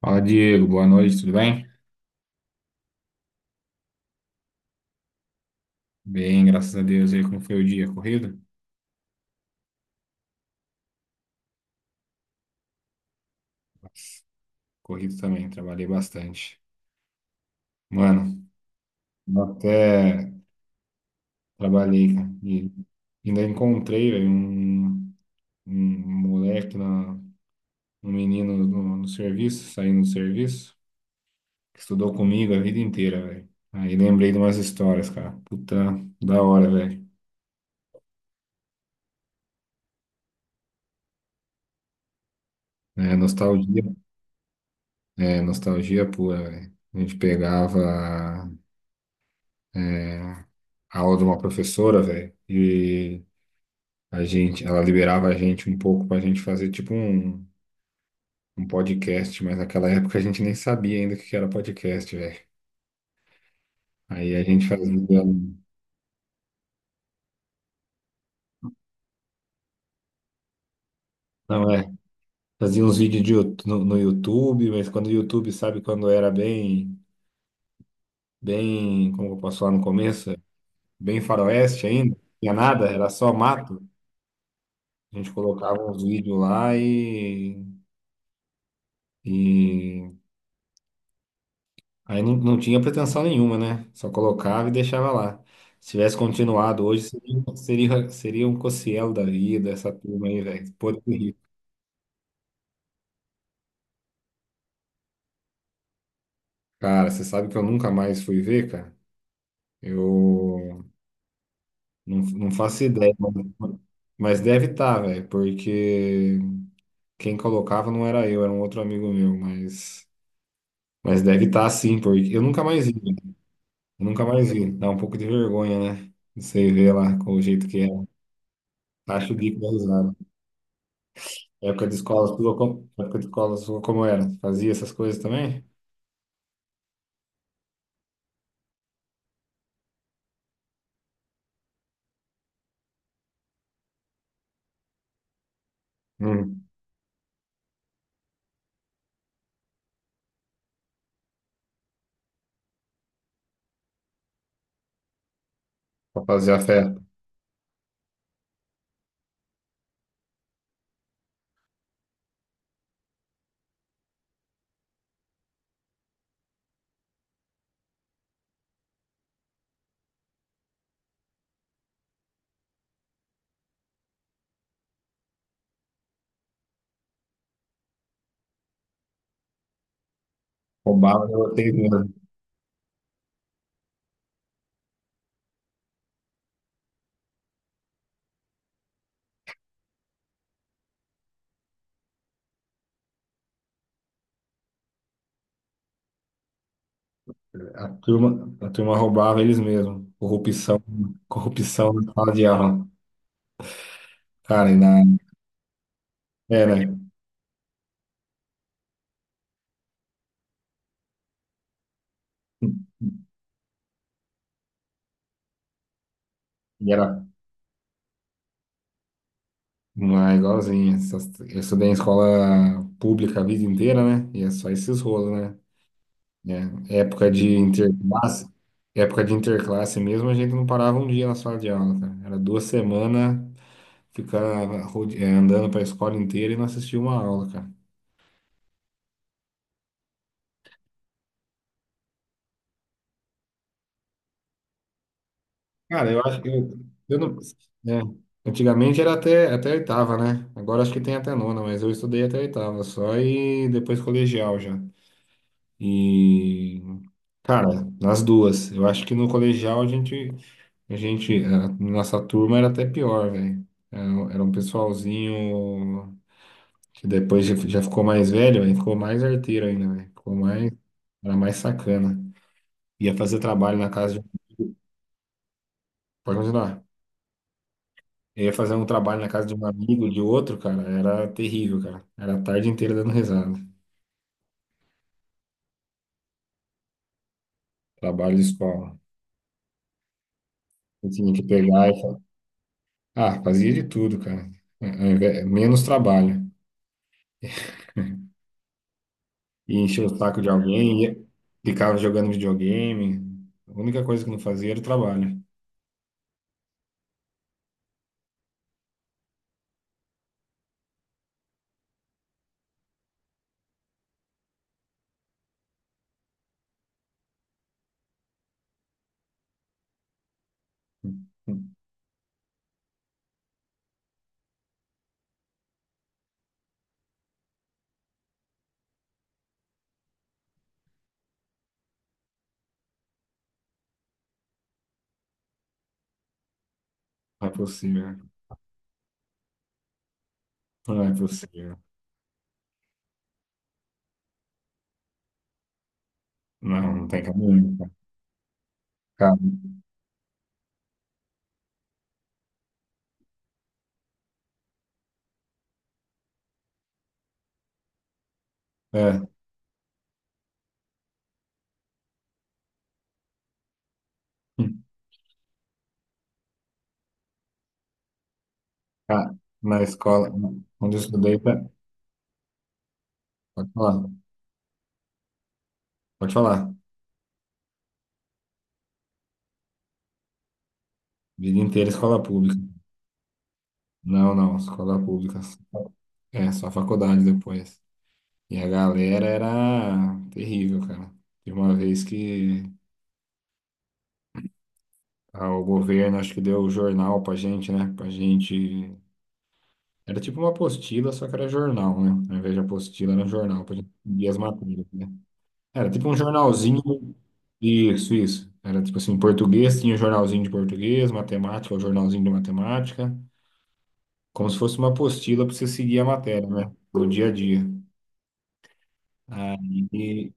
Fala, Diego. Boa noite, tudo bem? Bem, graças a Deus. E aí, como foi o dia? Corrido? Nossa. Corrido também, trabalhei bastante. Mano, eu até trabalhei, cara. E ainda encontrei, velho, um moleque, um menino no serviço, saindo do serviço, que estudou comigo a vida inteira, velho. Aí lembrei de umas histórias, cara. Puta, da hora, velho. É, nostalgia. É, nostalgia pura, velho. A gente pegava, é, a aula de uma professora, velho, e a gente, ela liberava a gente um pouco pra gente fazer tipo um podcast, mas naquela época a gente nem sabia ainda o que que era podcast, velho. Aí a gente fazia, não é, fazia uns vídeos de no YouTube, mas quando o YouTube, sabe, quando era como eu posso falar, no começo, bem faroeste ainda, não tinha nada, era só mato. A gente colocava uns vídeos lá e, aí não tinha pretensão nenhuma, né? Só colocava e deixava lá. Se tivesse continuado hoje, seria um Cossielo da vida, essa turma aí, velho. Podre de rir. Cara, você sabe que eu nunca mais fui ver, cara? Eu não faço ideia, mas deve estar, velho, porque quem colocava não era eu, era um outro amigo meu, mas deve estar sim, porque eu nunca mais vi, eu nunca mais vi. Dá um pouco de vergonha, né? Você vê lá com o jeito que é. Acho o bico da risada. Época de escola sua, época de escola sua, como era? Fazia essas coisas também? Hum. Pra fazer a festa. Roubava de vocês mesmo. A turma roubava eles mesmos. Corrupção na sala de aula. Cara, e na, era, e era não é igualzinho. Essas- Eu estudei em escola pública a vida inteira, né? E é só esses rolos, né? Né? Época de interclasse, época de interclasse mesmo, a gente não parava um dia na sala de aula, cara. Era duas semanas ficava andando para a escola inteira e não assistia uma aula, cara. Cara, eu acho que eu não, né? Antigamente era até a oitava, né? Agora acho que tem até a nona, mas eu estudei até a oitava só e depois colegial já. E, cara, nas duas. Eu acho que no colegial a gente. A gente, a nossa turma era até pior, velho. Era, um pessoalzinho que depois já ficou mais velho, aí ficou mais arteiro ainda, velho. Ficou mais, era mais sacana. Ia fazer trabalho na casa de, pode continuar. Eu Ia fazer um trabalho na casa de um amigo, de outro, cara, era terrível, cara. Era a tarde inteira dando risada. Trabalho de escola. Eu tinha que pegar e fa- Ah, fazia de tudo, cara. Menos trabalho. E encher o saco de alguém, e ficava jogando videogame. A única coisa que não fazia era o trabalho. Não é possível. Não é possível. Não, não tem caminho. Cara, cara, é. Cara, na escola, onde eu estudei, tá- pode falar, pode falar. Vida inteira escola pública. Não, não, escola pública, assim. É, só faculdade depois. E a galera era terrível, cara. Tem uma vez que ah, o governo acho que deu o jornal pra gente, né? Pra gente. Era tipo uma apostila, só que era jornal, né? Ao invés de apostila, era um jornal, pra gente seguir as matérias, né? Era tipo um jornalzinho. Isso, isso. Era tipo assim, português tinha jornalzinho de português, matemática, o jornalzinho de matemática. Como se fosse uma apostila pra você seguir a matéria, né? Do dia a dia. Aí,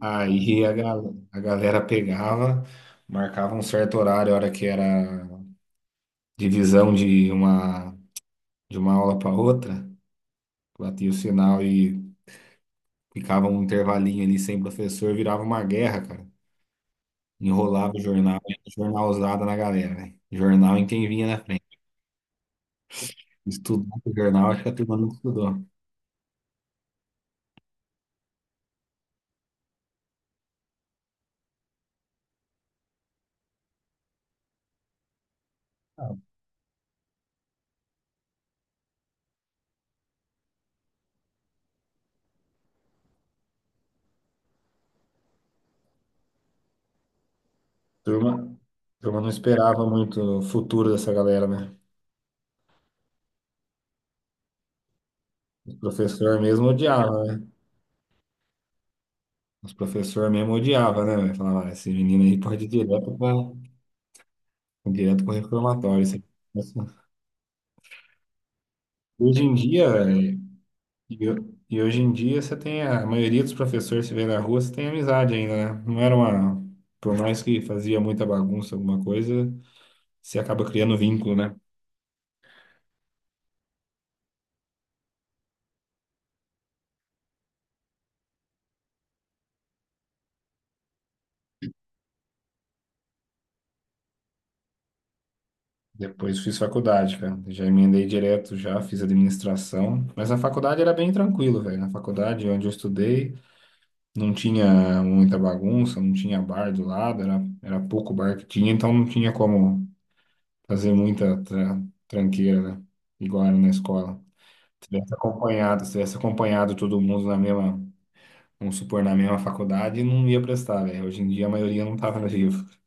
aí a, gal- a galera pegava, marcava um certo horário, a hora que era divisão de uma aula para outra, batia o sinal e ficava um intervalinho ali sem professor, virava uma guerra, cara. Enrolava o jornal, era jornalzada na galera, velho. Jornal em quem vinha na frente. Estudou o jornal, acho que a turma não estudou. A turma, a turma não esperava muito o futuro dessa galera, né? Os professor mesmo odiava, né? Os professor mesmo odiava, né, velho? Falava: "Ah, esse menino aí pode ir direto para o reformatório. Esse- esse-". Hoje em dia, hoje em dia você tem a maioria dos professores se vê na rua, você tem amizade ainda, né? Não era uma. Por mais que fazia muita bagunça, alguma coisa, você acaba criando vínculo, né? Depois fiz faculdade, cara. Já emendei direto, já fiz administração. Mas a faculdade era bem tranquilo, velho. Na faculdade onde eu estudei, não tinha muita bagunça, não tinha bar do lado, era, era pouco bar que tinha, então não tinha como fazer muita tra- tranqueira, né? Igual era na escola. Tivesse acompanhado, se tivesse acompanhado todo mundo na mesma, vamos supor, na mesma faculdade, não ia prestar, velho. Hoje em dia a maioria não tava no livro.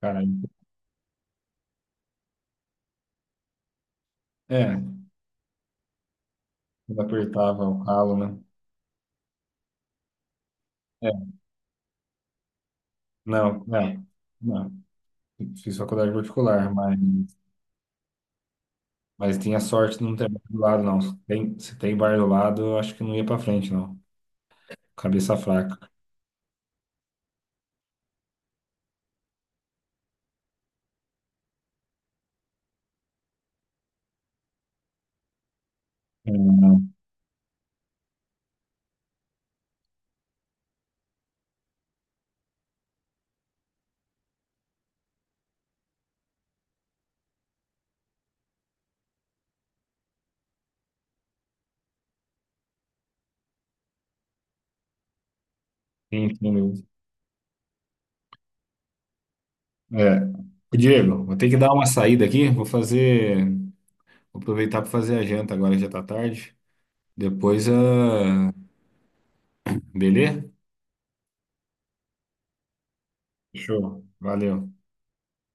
Cara, é, quando apertava o calo, né? É, não, não, não. Fiz faculdade particular, mas tinha sorte de não ter bar do lado, não. Se tem bar do lado, eu acho que não ia pra frente, não. Cabeça fraca. Hum. Sim, sim, mesmo. É. Ô, Diego, vou ter que dar uma saída aqui, vou fazer, vou aproveitar para fazer a janta agora, já tá tarde. Depois a. Beleza? Show. Valeu.